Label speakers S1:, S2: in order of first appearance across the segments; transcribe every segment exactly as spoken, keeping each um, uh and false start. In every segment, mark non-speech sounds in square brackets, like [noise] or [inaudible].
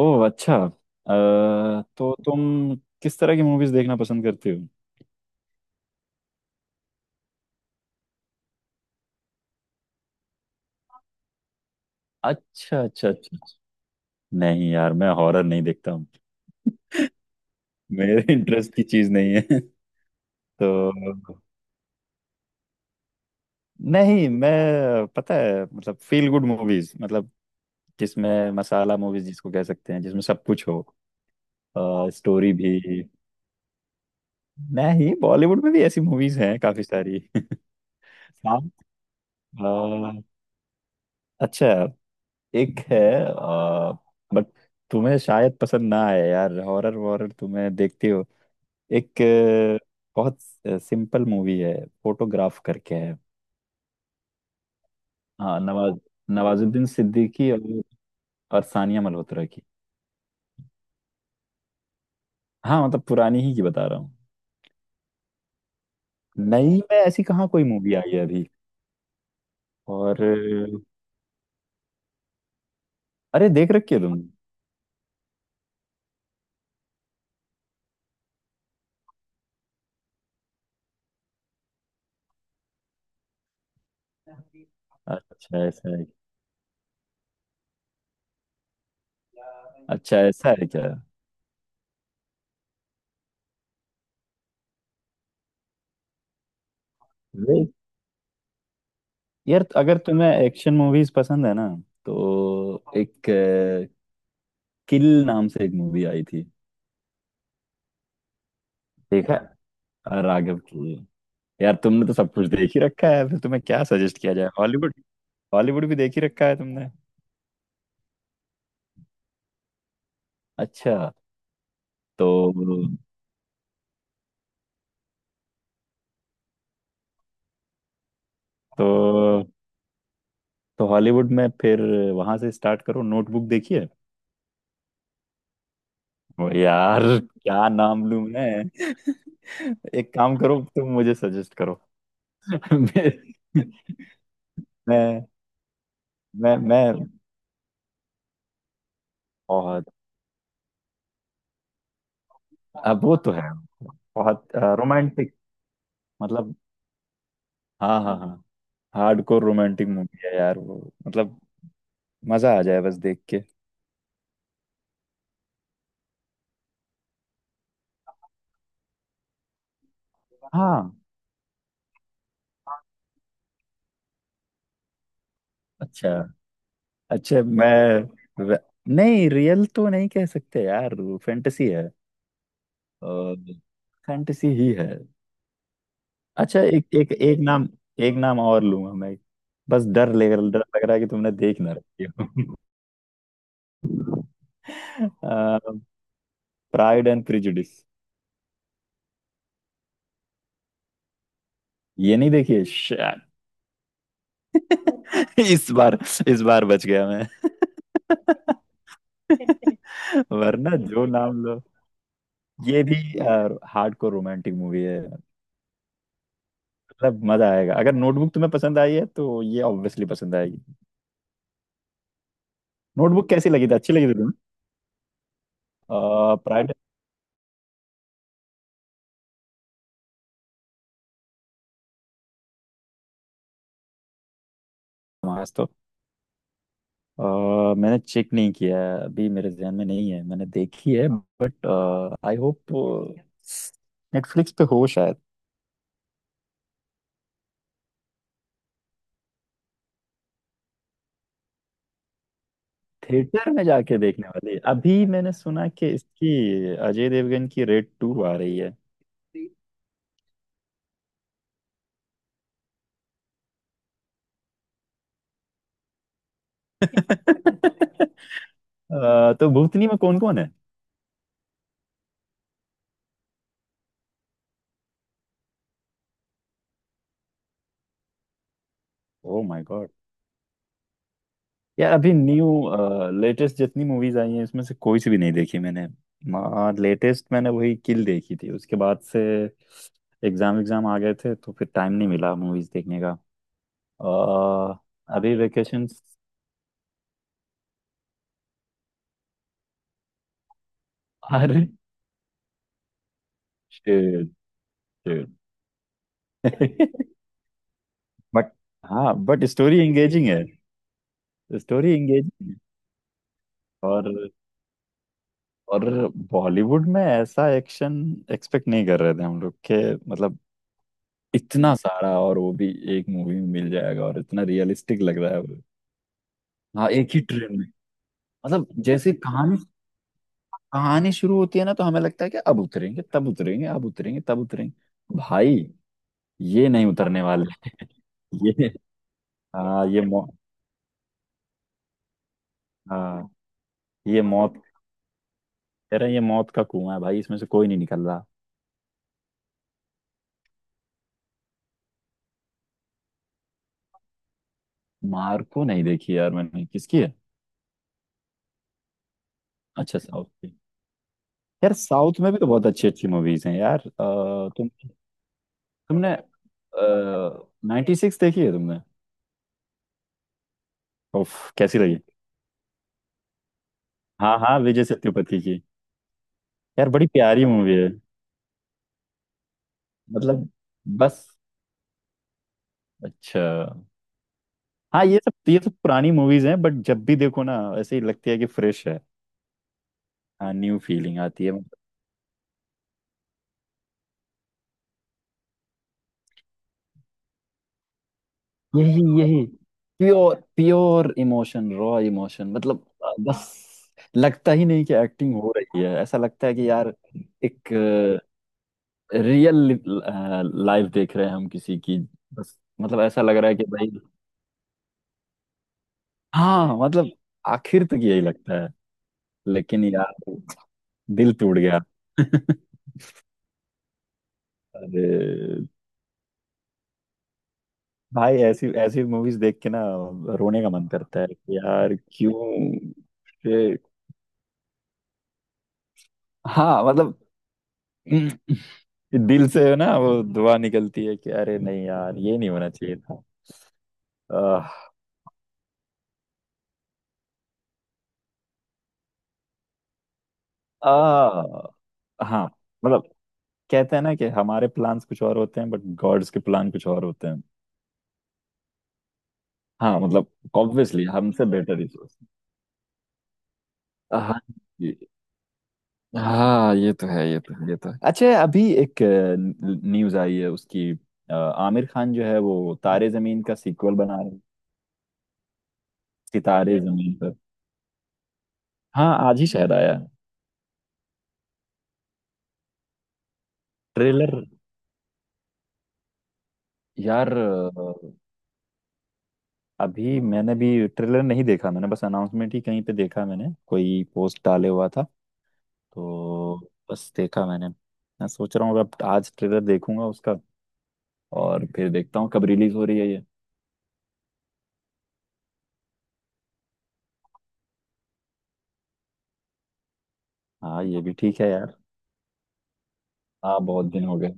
S1: ओह अच्छा अ, तो तुम किस तरह की मूवीज देखना पसंद करते हो। अच्छा अच्छा अच्छा। नहीं यार मैं हॉरर नहीं देखता हूँ। मेरे [laughs] इंटरेस्ट की चीज नहीं है। [laughs] तो नहीं मैं पता है मतलब फील गुड मूवीज, मतलब जिसमें मसाला मूवीज जिसको कह सकते हैं जिसमें सब कुछ हो, स्टोरी भी। नहीं बॉलीवुड में भी ऐसी मूवीज हैं काफी सारी। [laughs] हाँ, अ, अच्छा, एक है, आ, बट तुम्हें शायद पसंद ना आए यार, हॉरर वॉरर तुम्हें देखती हो। एक अ, बहुत सिंपल मूवी है, फोटोग्राफ करके है। हाँ नवाज, नवाजुद्दीन सिद्दीकी और, और सानिया मल्होत्रा की। हाँ मतलब पुरानी ही की बता रहा हूँ। नई में ऐसी कहाँ कोई मूवी आई है अभी। और अ, अरे देख रखी है तुम। अच्छा ऐसा है। अच्छा ऐसा है क्या। वे- यार अगर तुम्हें एक्शन मूवीज पसंद है ना, तो एक किल नाम से एक मूवी आई थी। देखा है? अ, राघव की। यार तुमने तो सब कुछ देख ही रखा है, फिर तुम्हें क्या सजेस्ट किया जाए, हॉलीवुड। हॉलीवुड भी देख ही रखा है तुमने। अच्छा, तो तो तो हॉलीवुड में फिर वहां से स्टार्ट करो, नोटबुक देखिए। ओ यार क्या नाम लूं मैं। [laughs] एक काम करो तुम मुझे सजेस्ट करो। [laughs] मैं मैं मैं मैं बहुत, अब वो तो है बहुत रोमांटिक मतलब। हाँ हाँ हाँ, हार्डकोर रोमांटिक मूवी है यार वो। मतलब मजा आ जाए बस देख के। हाँ, अच्छा अच्छा, मैं वे- नहीं रियल तो नहीं कह सकते यार, फैंटेसी है। और फैंटेसी ही है। अच्छा, एक एक एक नाम, एक नाम और लूंगा मैं। बस डर लग डर लग रहा है कि तुमने देख ना रखी हो। [laughs] Pride and Prejudice. ये नहीं देखिए। Shit. [laughs] इस बार इस बार बच गया मैं। [laughs] [laughs] वरना जो नाम लो ये भी हार्ड कोर रोमांटिक मूवी है, मतलब मजा आएगा, अगर नोटबुक तुम्हें पसंद आई है तो ये ऑब्वियसली पसंद आएगी। नोटबुक कैसी लगी थी, अच्छी लगी थी तुम्हें? प्राइड, आज तो अ, मैंने चेक नहीं किया है, अभी मेरे जहन में नहीं है मैंने देखी है, बट आई होप नेटफ्लिक्स पे हो शायद। थिएटर में जाके देखने वाली है। अभी मैंने सुना कि इसकी अजय देवगन की रेड टू आ रही है। [laughs] अ, तो भूतनी में कौन कौन है। Oh my god. यार अभी न्यू, लेटेस्ट जितनी मूवीज आई हैं इसमें से कोई सी भी नहीं देखी मैंने। लेटेस्ट मैंने वही किल देखी थी, उसके बाद से एग्जाम एग्जाम आ गए थे तो फिर टाइम नहीं मिला मूवीज देखने का। अ, अभी वेकेशन। अरे शिट, शिट। [laughs] बट, हाँ बट स्टोरी एंगेजिंग है। स्टोरी एंगेजिंग है। और और बॉलीवुड में ऐसा एक्शन एक्सपेक्ट नहीं कर रहे थे हम लोग के, मतलब इतना सारा और वो भी एक मूवी में मिल जाएगा, और इतना रियलिस्टिक लग रहा है वो। हाँ एक ही ट्रेन में, मतलब जैसे कहानी, कहानी शुरू होती है ना, तो हमें लगता है कि अब उतरेंगे तब उतरेंगे, अब उतरेंगे तब उतरेंगे, भाई ये नहीं उतरने वाले। [laughs] ये, हाँ ये मौ, हाँ ये मौत, कह रहे हैं, ये मौत का कुआं है भाई, इसमें से कोई नहीं निकल रहा। मार्को नहीं देखी यार मैंने, किसकी है? अच्छा साउथ की। यार साउथ में भी तो बहुत अच्छी अच्छी मूवीज हैं यार, अ, तुम, तुमने नाइन्टी सिक्स देखी है तुमने? उफ, कैसी लगी। हाँ हाँ विजय सेतुपति की। यार बड़ी प्यारी मूवी है, मतलब बस अच्छा। हाँ ये सब, ये सब पुरानी मूवीज हैं बट जब भी देखो ना ऐसे ही लगती है कि फ्रेश है। हाँ न्यू फीलिंग आती है, मतलब यही यही, pure pure emotion, raw emotion, मतलब अ, बस लगता ही नहीं कि एक्टिंग हो रही है, ऐसा लगता है कि यार एक रियल लाइफ देख रहे हैं हम किसी की, बस मतलब ऐसा लग रहा है कि भाई। हाँ मतलब आखिर तक यही लगता है, लेकिन यार दिल टूट गया। [laughs] अरे भाई, ऐसी ऐसी मूवीज देख के ना रोने का मन करता है कि यार क्यों ये- हाँ मतलब, [clears throat] दिल से ना वो दुआ निकलती है कि अरे नहीं यार ये नहीं होना चाहिए था। आह, आह, हाँ मतलब कहते हैं ना कि हमारे प्लान्स कुछ और होते हैं बट गॉड्स के प्लान कुछ और होते हैं। हाँ मतलब ऑब्वियसली हमसे बेटर ही सोचते हैं। हाँ हाँ ये तो है, ये तो है, ये तो है। अच्छा अभी एक न्यूज आई है उसकी, अ, आमिर खान जो है वो तारे जमीन का सीक्वल बना रहे हैं। सितारे जमीन पर। हाँ आज ही शायद आया ट्रेलर। यार अ, अभी मैंने भी ट्रेलर नहीं देखा, मैंने बस अनाउंसमेंट ही कहीं पे देखा, मैंने कोई पोस्ट डाले हुआ था, तो बस देखा मैंने। मैं सोच रहा हूँ अब आज ट्रेलर देखूंगा उसका, और फिर देखता हूँ कब रिलीज हो रही है ये। हाँ ये भी ठीक है यार। हाँ बहुत दिन हो गए।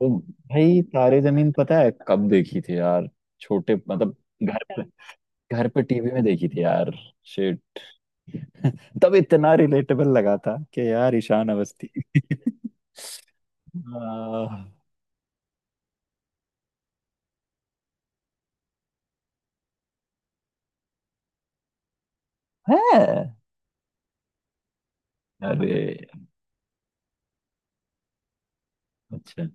S1: तो भाई तारे जमीन पता है कब देखी थी यार, छोटे मतलब घर पे, घर पे टीवी में देखी थी यार। शिट। [laughs] तब इतना रिलेटेबल लगा था कि यार ईशान अवस्थी। [laughs] आ, है अरे, अच्छा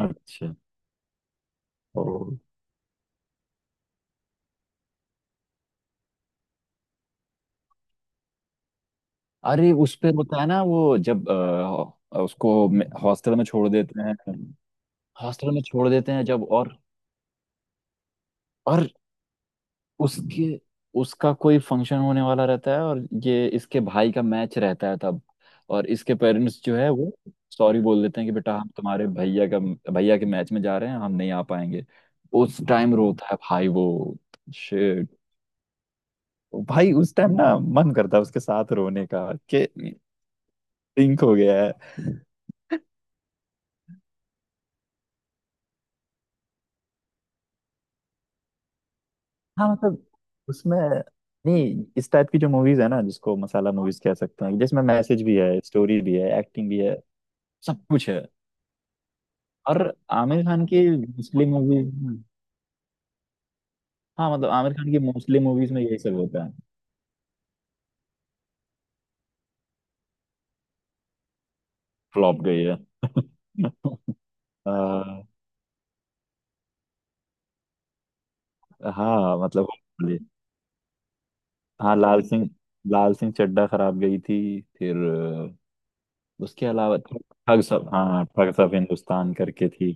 S1: अच्छा, ओ, अरे उस पे होता है ना वो जब आ, उसको हॉस्टल में छोड़ देते हैं, हॉस्टल में छोड़ देते हैं जब, और और उसके, उसका कोई फंक्शन होने वाला रहता है और ये इसके भाई का मैच रहता है तब, और इसके पेरेंट्स जो है वो सॉरी बोल देते हैं कि बेटा हम तुम्हारे भैया का, भैया के मैच में जा रहे हैं, हम नहीं आ पाएंगे। उस टाइम रोता है भाई वो। शिट। भाई उस टाइम ना मन करता है उसके साथ रोने का कि सिंक हो गया है। हाँ मतलब उसमें, नहीं इस टाइप की जो मूवीज है ना जिसको मसाला मूवीज कह सकते हैं, जिसमें मैसेज भी है, स्टोरी भी है, एक्टिंग भी है, सब कुछ है। और आमिर खान की मोस्टली मूवीज में, हाँ मतलब आमिर खान की मोस्टली मूवीज में यही सब होता है। फ्लॉप गई है। [laughs] अह, हाँ मतलब hopefully। हाँ लाल सिंह, लाल सिंह चड्ढा खराब गई थी फिर, अह, उसके अलावा ठग सब, हाँ ठग सब हिंदुस्तान करके थी,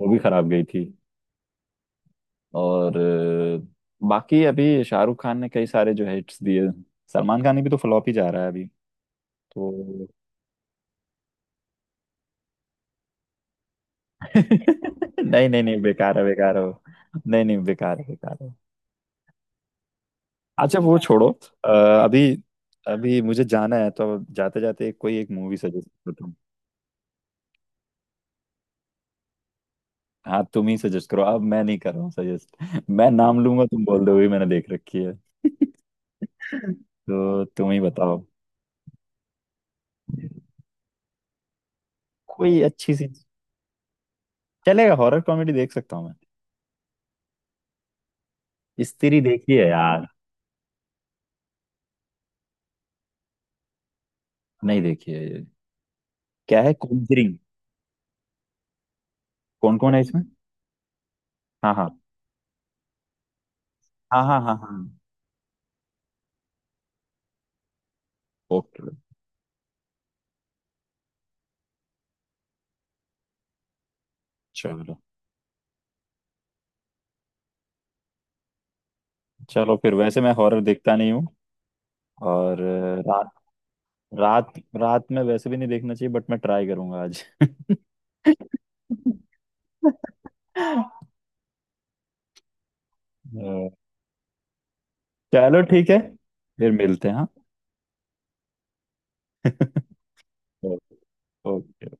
S1: वो भी खराब गई थी। और अह, बाकी अभी शाहरुख खान ने कई सारे जो हिट्स दिए, सलमान खान भी तो फ्लॉप ही जा रहा है अभी। तो नहीं नहीं नहीं बेकार है, बेकार है वो। नहीं नहीं बेकार है बेकार है। अच्छा वो छोड़ो, अ, अभी अभी मुझे जाना है तो जाते जाते कोई एक मूवी सजेस्ट करो तुम। हाँ तुम ही सजेस्ट करो, अब मैं नहीं कर रहा हूँ सजेस्ट, मैं नाम लूंगा तुम बोल दोगे मैंने देख रखी है। [laughs] तो तुम ही बताओ कोई अच्छी सी। चलेगा हॉरर कॉमेडी देख सकता हूँ मैं। स्त्री देखी है यार। नहीं देखी है ये। क्या है कॉन्जरिंग, कौन कौन है इसमें। हाँ हाँ हाँ हाँ। हाँ हाँ। ओके। चलो, चलो फिर, वैसे मैं हॉरर देखता नहीं हूँ। और अ, रात रात रात में वैसे भी नहीं देखना चाहिए, बट मैं ट्राई करूंगा आज। [laughs] अ, चलो ठीक है, फिर मिलते हैं हाँ। [laughs] ओके।